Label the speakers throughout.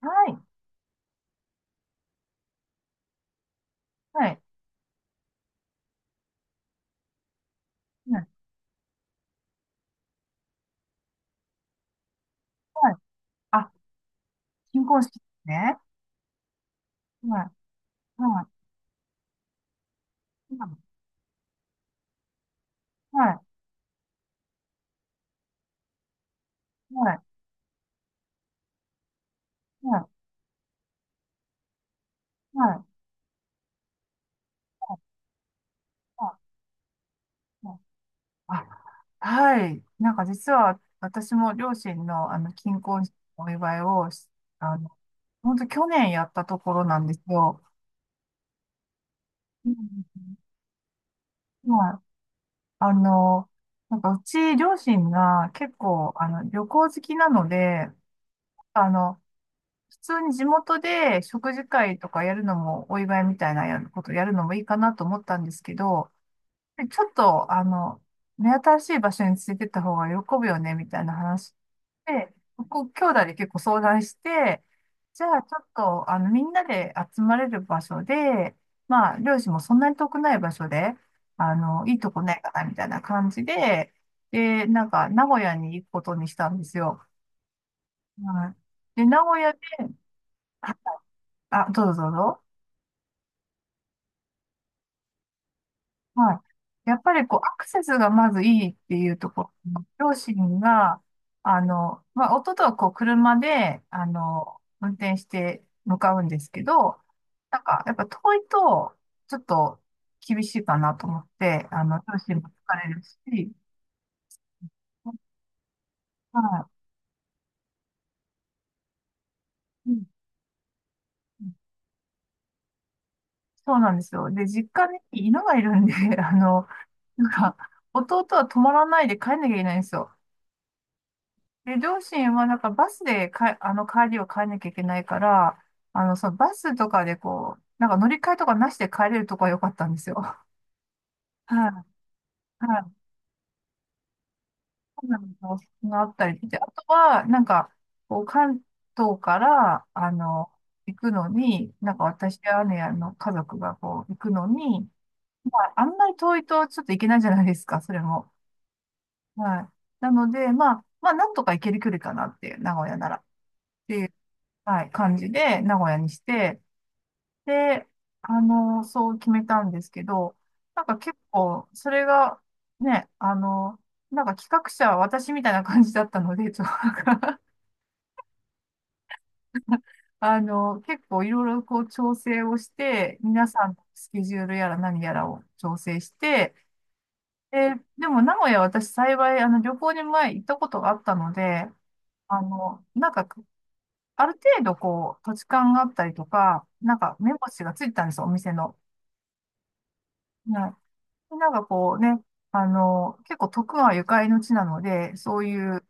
Speaker 1: はい。はい。はい。はい。あ、金婚式ですね。はい。はい。はい。はい。はい。はい。はいはい。あ、はい。なんか実は私も両親の金婚式のお祝いをし、あの、本当去年やったところなんですよ。うん。はい。あの、なんかうち両親が結構旅行好きなので、あの、普通に地元で食事会とかやるのも、お祝いみたいなやることやるのもいいかなと思ったんですけど、ちょっと、目新しい場所についてった方が喜ぶよね、みたいな話で、僕、兄弟で結構相談して、じゃあちょっと、みんなで集まれる場所で、まあ、両親もそんなに遠くない場所で、いいとこないかな、みたいな感じで、で、なんか、名古屋に行くことにしたんですよ。はい。で、名古屋で、はあ、どうぞどうぞ。はい。やっぱりこう、アクセスがまずいいっていうところ。両親が、まあ、夫とはこう、車で、運転して向かうんですけど、なんか、やっぱ遠いと、ちょっと厳しいかなと思って、両親も疲れるし、はい。うんうん。そうなんですよ。で、実家に犬がいるんで、あの、なんか、弟は止まらないで帰んなきゃいけないんですよ。で、両親は、なんかバスでか、帰りを帰んなきゃいけないから、そのバスとかでこう、なんか乗り換えとかなしで帰れるとこは良かったんですよ。はい。はい。そうなんですよ、そのあったり。で、あとは、なんか、こう、関東から、行くのに、なんか私や姉やの家族がこう、行くのに、まあ、あんまり遠いとちょっと行けないじゃないですか、それも。はい。なので、まあ、まあ、なんとか行ける距離かなっていう、名古屋なら。っていう、はい、感じで、名古屋にして、で、そう決めたんですけど、なんか結構、それが、ね、なんか企画者は私みたいな感じだったので、ちょっとなんか 結構いろいろこう調整をして、皆さんのスケジュールやら何やらを調整して、で、でも名古屋私幸い、旅行に前行ったことがあったので、なんか、ある程度こう、土地勘があったりとか、なんか目星がついてたんですよ、お店の。なんかこうね、結構徳川ゆかりの地なので、そういう、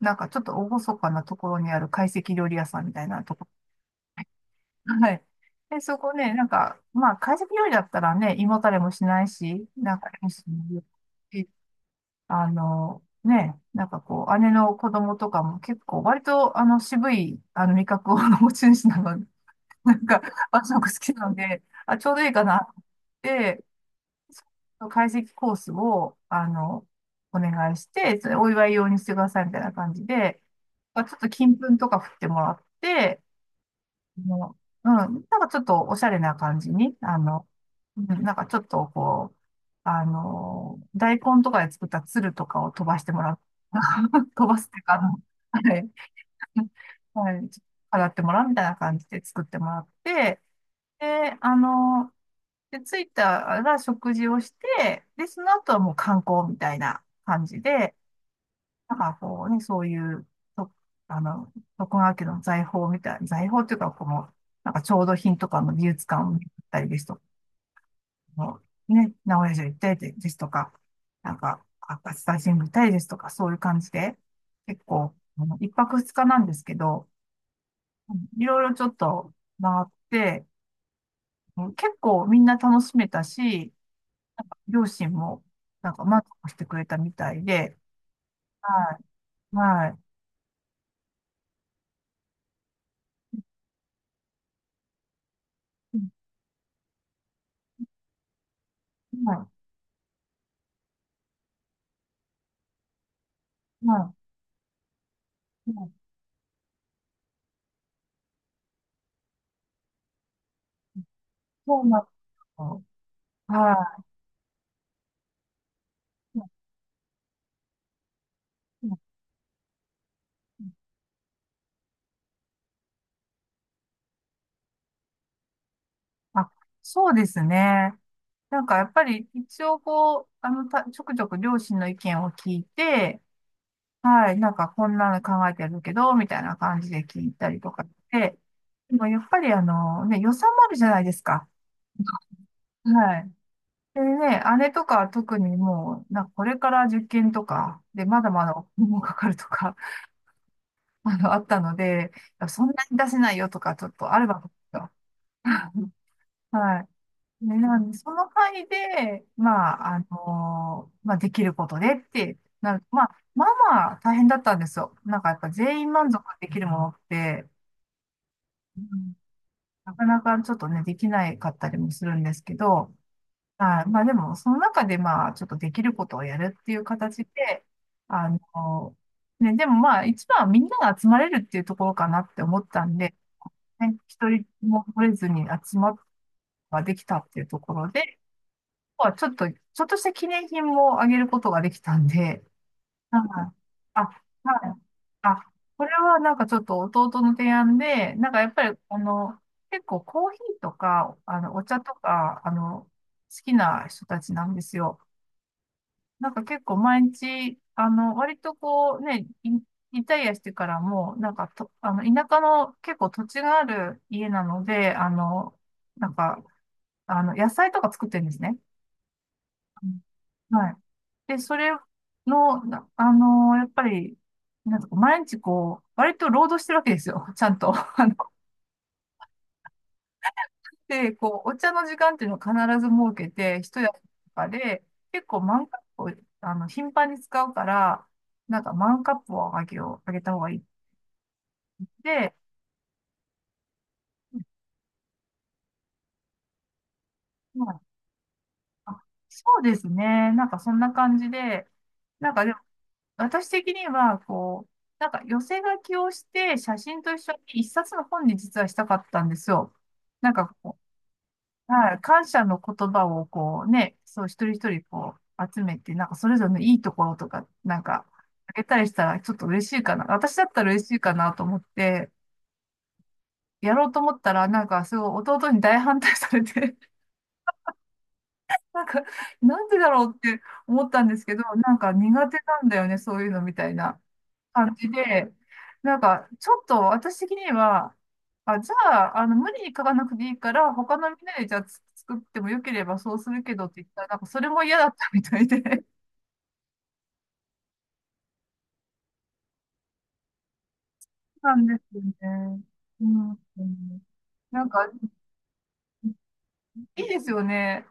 Speaker 1: なんかちょっと厳かなところにある懐石料理屋さんみたいなとこ。はい。で、そこね、なんか、まあ、懐石料理だったらね、胃もたれもしないし、なんか、いいし、ね、なんかこう、姉の子供とかも結構、割と、渋い、味覚を 持ち主なので、なんか、和食好きなので、あ、ちょうどいいかなって、解析コースを、お願いして、それお祝い用にしてくださいみたいな感じで、まあちょっと金粉とか振ってもらって、あのうん、なんかちょっとおしゃれな感じに、うん、なんかちょっとこう、大根とかで作った鶴とかを飛ばしてもらう。飛ばすっていうか、はい。はい。飾ってもらうみたいな感じで作ってもらって、で、あの、で、着いたら食事をして、で、その後はもう観光みたいな感じで、なんかこうね、そういう、と、あの、徳川家の財宝みたいな、財宝っていうか、この、なんか調度品とかの美術館を見たりですとか、もうね、名古屋城行ったりですとか、なんか、赤スタジム行ったりですとか、そういう感じで、結構、一泊二日なんですけど、うん、いろいろちょっと回って、うん、結構みんな楽しめたし、両親も、なんか満足してくれたみたいで、はい、はい、うん、はい、はい、はい、そうなんですよ。はい。うんうん。あ、そうですね。なんかやっぱり一応こう、ちょくちょく両親の意見を聞いて、はい、なんかこんなの考えてるけど、みたいな感じで聞いたりとかして、でもやっぱりね、予算もあるじゃないですか。はい。でね、あれとか特にもう、なんかこれから受験とか、で、まだまだお金もかかるとか、あったので、いやそんなに出せないよとか、ちょっとあれば はい。ね、なんで、その範囲で、まあ、まあ、できることでって、まあ、まあまあ大変だったんですよ。なんかやっぱ全員満足できるものって、うん、なかなかちょっとね、できないかったりもするんですけど、はい。まあでも、その中でまあ、ちょっとできることをやるっていう形で、あの、ね、でもまあ、一番はみんなが集まれるっていうところかなって思ったんで、ね、一人も取れずに集まることができたっていうところで、まあ、ちょっとした記念品もあげることができたんで、はい。あ、はい。あ、これはなんかちょっと弟の提案で、なんかやっぱり、結構コーヒーとか、お茶とか、好きな人たちなんですよ。なんか結構毎日、割とこうね、イリタイアしてからも、なんかと、あの、田舎の結構土地がある家なので、なんか、野菜とか作ってるんですね。うん。はい。で、それの、なあの、やっぱり、なんかこう毎日こう、割と労働してるわけですよ。ちゃんと。あで、こう、お茶の時間っていうのを必ず設けて、一役とかで、結構マンカップを、頻繁に使うから、なんかマンカップをあげよう、あげた方がいい。で、まあ、あ、そうですね。なんかそんな感じで、なんかでも、私的には、こう、なんか寄せ書きをして、写真と一緒に一冊の本に実はしたかったんですよ。なんかこう、はい、感謝の言葉をこうね、そう一人一人こう集めて、なんかそれぞれのいいところとか、なんかあげたりしたらちょっと嬉しいかな。私だったら嬉しいかなと思って、やろうと思ったら、なんかすごい弟に大反対されて、なんか、なんでだろうって思ったんですけど、なんか苦手なんだよね、そういうのみたいな。感じで、なんか、ちょっと私的には、あ、じゃあ、無理に書かなくていいから、他のみんなでじゃあつ作ってもよければそうするけどって言ったら、なんかそれも嫌だったみたいで。なんですよね。うん。なんか、いいですよね。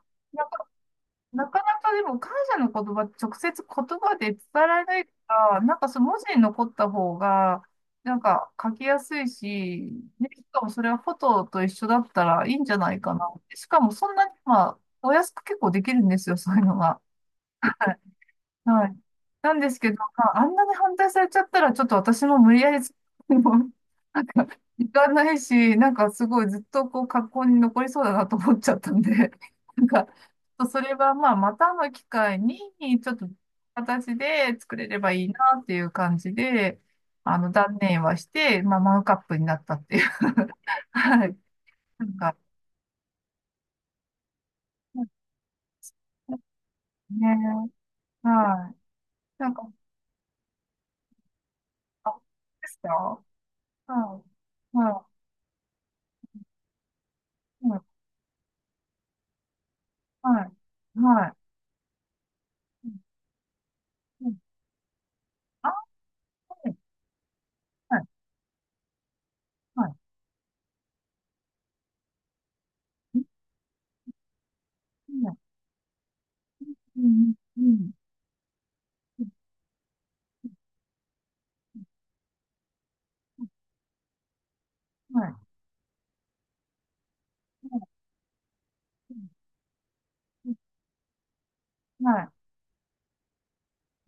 Speaker 1: なかなかでも感謝の言葉って直接言葉で伝えられないから、なんかその文字に残った方が、なんか書きやすいし、ね、しかもそれはフォトと一緒だったらいいんじゃないかな。しかもそんなに、まあ、お安く結構できるんですよ、そういうのが。はい。なんですけど、まあ、あんなに反対されちゃったら、ちょっと私も無理やり作るの行かないし、なんかすごいずっとこう格好に残りそうだなと思っちゃったんで、なんか、ちょっとそれはまあまたの機会に、ちょっと形で作れればいいなっていう感じで、断念はして、まあマグカップになったっていう。はい。なんか、ね、はい。なんか、あ、ですか、はい。はい。はい。はい。はい。うんうん。あ、はい。はい。はい。うんうんうんうん。はいはい。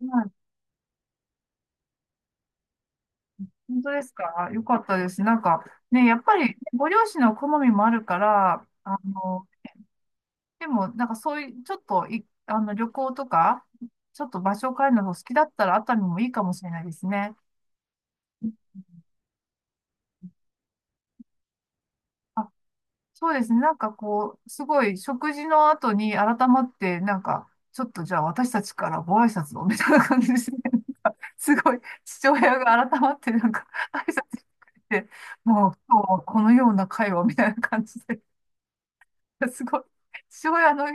Speaker 1: はい。本当ですか、よかったです。なんか、ね、やっぱり、ねご両親の好みもあるから、でも、なんかそういう、ちょっと旅行とか、ちょっと場所を変えるのが好きだったら、熱海もいいかもしれないですね。そうですね。なんかこう、すごい食事の後に改まって、なんか、ちょっとじゃあ私たちからご挨拶をみたいな感じですね。なんかすごい父親が改まって、なんか挨拶してくれて、もう今日はこのような会話みたいな感じで、すごい。父親の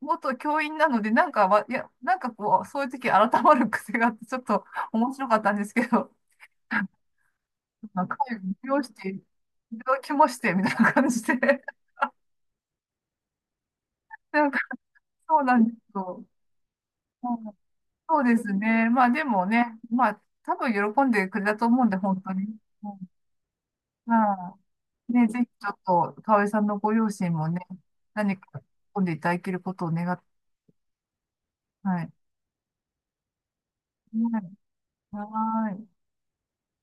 Speaker 1: 元教員なので、なんかいや、なんかこう、そういう時改まる癖があって、ちょっと面白かったんですけど、なんか会議利用していただきまして、みたいな感じで、なんかそうなんですよ。そうですね。まあでもね、まあ多分喜んでくれたと思うんで、本当に。うん、まあ、ね、ぜひちょっと、かおりさんのご両親もね、何か喜んでいただけることを願って、はい。はい。はーい。